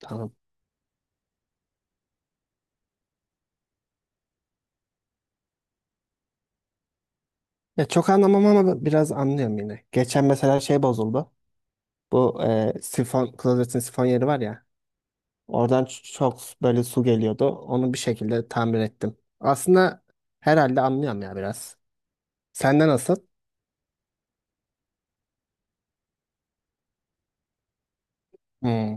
Tamam. Ya çok anlamam ama biraz anlıyorum yine. Geçen mesela şey bozuldu. Bu sifon, klozetin sifon yeri var ya. Oradan çok böyle su geliyordu. Onu bir şekilde tamir ettim. Aslında herhalde anlıyorum ya biraz. Sende nasıl? Hmm.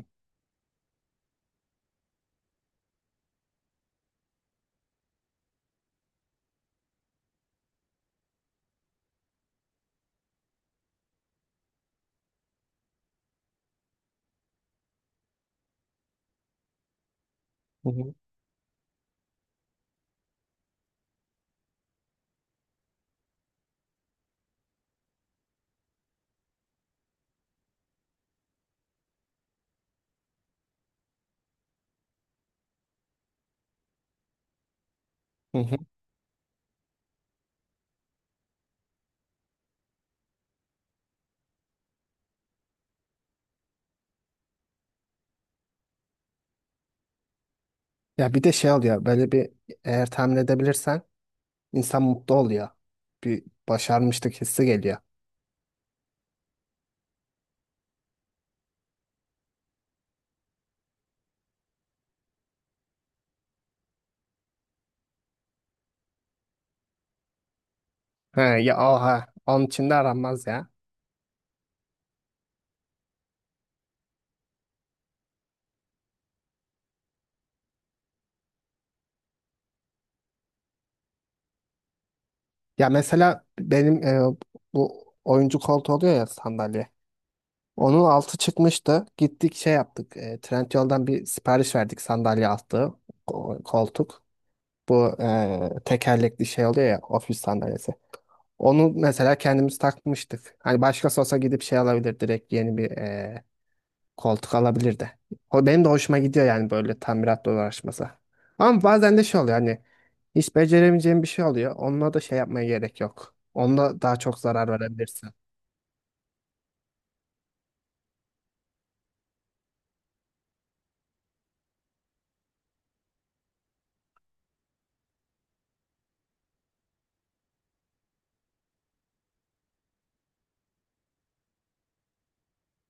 Hı hı. Hı hı. Ya bir de şey oluyor. Böyle bir eğer tamir edebilirsen İnsan mutlu oluyor. Bir başarmışlık hissi geliyor. He, ya oha. Onun içinde de aranmaz ya. Ya mesela benim bu oyuncu koltuğu oluyor ya sandalye. Onun altı çıkmıştı. Gittik şey yaptık. Trendyol'dan bir sipariş verdik sandalye altı. Koltuk. Bu tekerlekli şey oluyor ya ofis sandalyesi. Onu mesela kendimiz takmıştık. Hani başkası olsa gidip şey alabilir direkt yeni bir koltuk alabilirdi. O benim de hoşuma gidiyor yani böyle tamiratla uğraşması. Ama bazen de şey oluyor hani hiç beceremeyeceğim bir şey oluyor. Onunla da şey yapmaya gerek yok. Onunla daha çok zarar verebilirsin.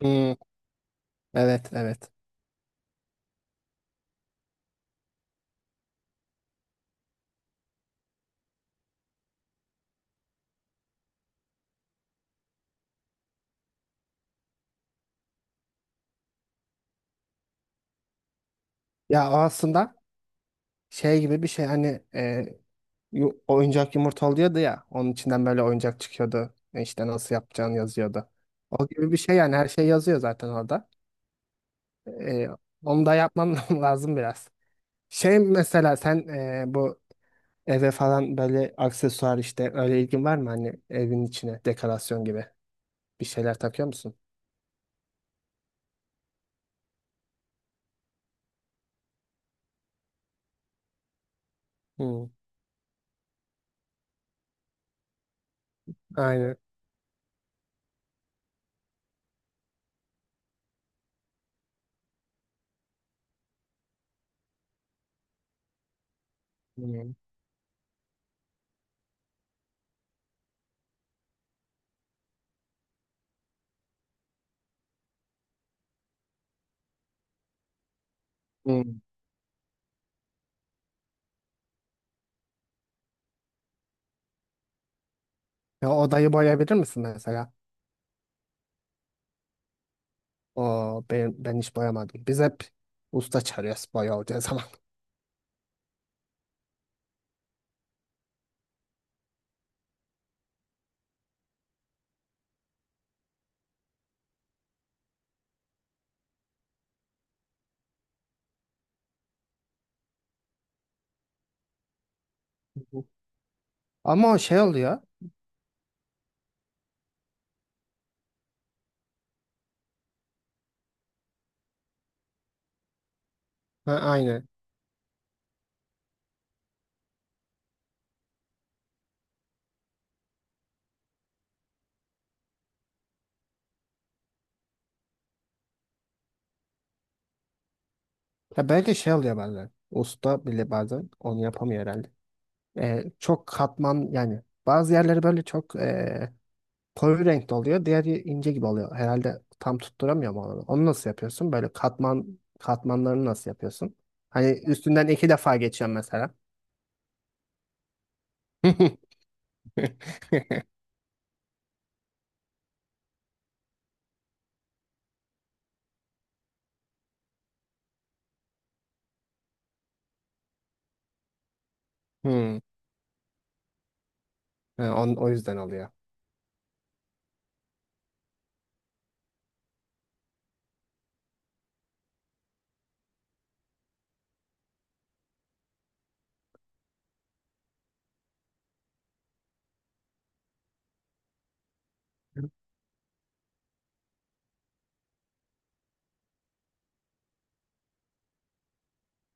Hmm. Evet, evet. Ya o aslında şey gibi bir şey hani oyuncak yumurta oluyordu ya. Onun içinden böyle oyuncak çıkıyordu. E İşte nasıl yapacağını yazıyordu. O gibi bir şey yani her şey yazıyor zaten orada. E, onu da yapmam lazım biraz. Şey mesela sen bu eve falan böyle aksesuar işte öyle ilgin var mı? Hani evin içine dekorasyon gibi bir şeyler takıyor musun? Hı, aynen. Hı. Hı. Ya odayı boyayabilir misin mesela? Aa, ben hiç boyamadım. Biz hep usta çağırıyoruz boya olacağı zaman. Ama o şey oluyor. Ha, aynen. Ya belki şey oluyor bazen. Usta bile bazen onu yapamıyor herhalde. Çok katman yani bazı yerleri böyle çok koyu renkte oluyor. Diğeri ince gibi oluyor. Herhalde tam tutturamıyor mu onu? Onu nasıl yapıyorsun? Böyle katman katmanlarını nasıl yapıyorsun? Hani üstünden iki defa geçiyorum mesela. Hmm. Ha, o yüzden oluyor.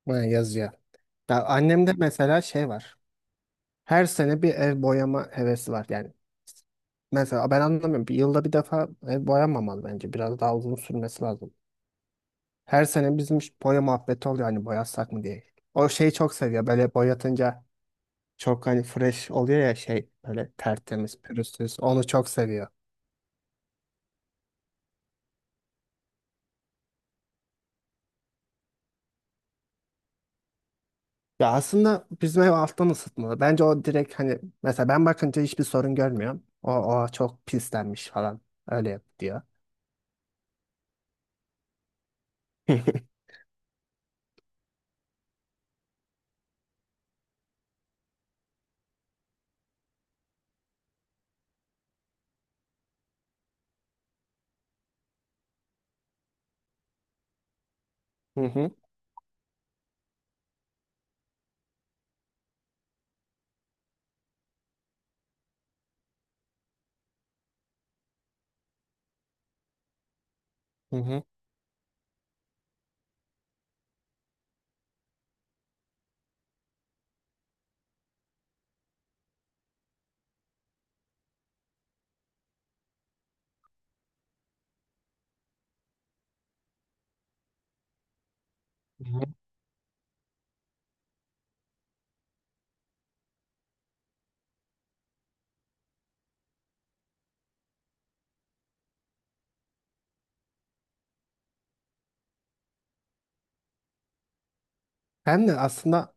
Ha, yazıyor. Ya annemde mesela şey var. Her sene bir ev boyama hevesi var. Yani mesela ben anlamıyorum. Bir yılda bir defa ev boyanmamalı bence. Biraz daha uzun sürmesi lazım. Her sene bizim boya muhabbeti oluyor hani boyasak mı diye. O şeyi çok seviyor. Böyle boyatınca çok hani fresh oluyor ya şey böyle tertemiz, pürüzsüz. Onu çok seviyor. Ya aslında bizim ev alttan ısıtmalı. Bence o direkt hani mesela ben bakınca hiçbir sorun görmüyorum. O çok pislenmiş falan. Öyle yap diyor. Hı hı, hı hı, hı hı. Hem de aslında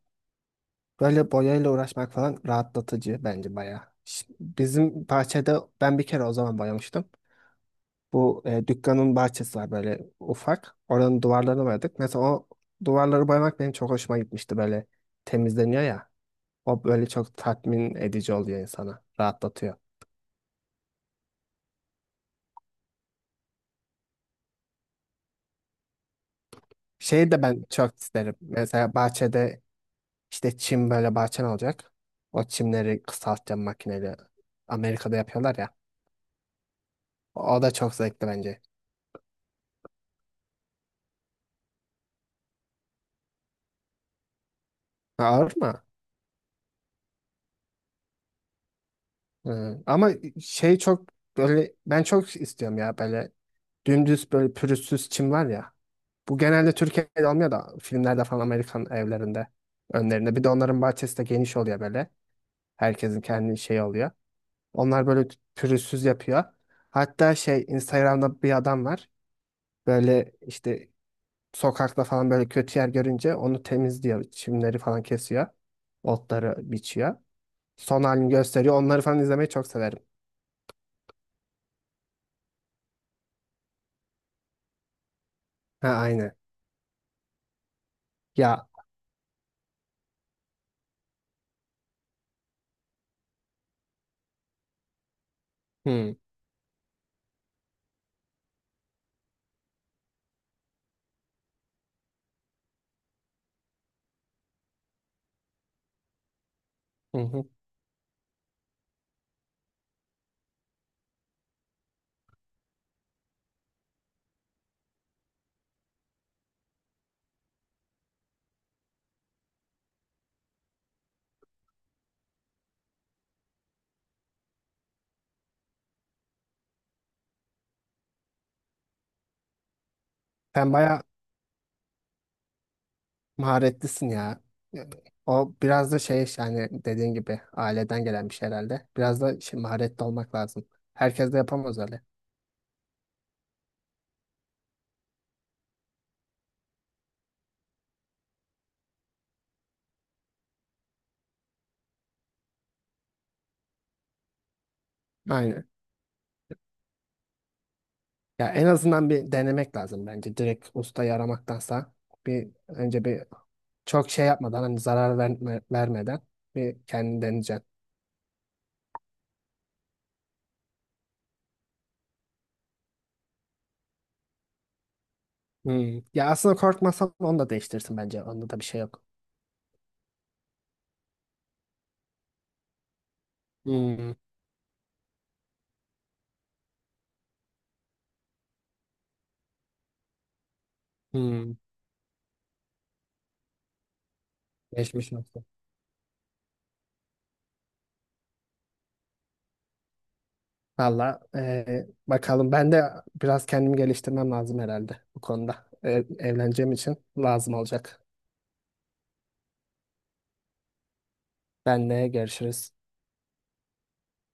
böyle boyayla uğraşmak falan rahatlatıcı bence bayağı. Bizim bahçede ben bir kere o zaman boyamıştım. Bu dükkanın bahçesi var böyle ufak. Oranın duvarlarını boyadık. Mesela o duvarları boyamak benim çok hoşuma gitmişti böyle temizleniyor ya. O böyle çok tatmin edici oluyor insana. Rahatlatıyor. Şeyi de ben çok isterim. Mesela bahçede işte çim böyle bahçen olacak. O çimleri kısaltacağım makineyle. Amerika'da yapıyorlar ya. O da çok zevkli bence. Ha, ağır mı? Hı. Ama şey çok böyle ben çok istiyorum ya böyle dümdüz böyle pürüzsüz çim var ya. Bu genelde Türkiye'de olmuyor da filmlerde falan Amerikan evlerinde önlerinde. Bir de onların bahçesi de geniş oluyor böyle. Herkesin kendi şeyi oluyor. Onlar böyle pürüzsüz yapıyor. Hatta şey Instagram'da bir adam var. Böyle işte sokakta falan böyle kötü yer görünce onu temizliyor. Çimleri falan kesiyor. Otları biçiyor. Son halini gösteriyor. Onları falan izlemeyi çok severim. Ha aynı. Ya. Hmm. Hı hı. Sen bayağı maharetlisin ya. Yani o biraz da şey yani dediğin gibi aileden gelen bir şey herhalde. Biraz da şey, maharetli olmak lazım. Herkes de yapamaz öyle. Aynen. Ya en azından bir denemek lazım bence. Direkt ustayı aramaktansa bir önce bir çok şey yapmadan hani vermeden bir kendini deneyeceksin. Hmm, ya aslında korkmasan onu da değiştirsin bence. Onda da bir şey yok. Hmm, hmm. Geçmiş olsun. Valla bakalım ben de biraz kendimi geliştirmem lazım herhalde bu konuda. Evleneceğim için lazım olacak. Benle görüşürüz.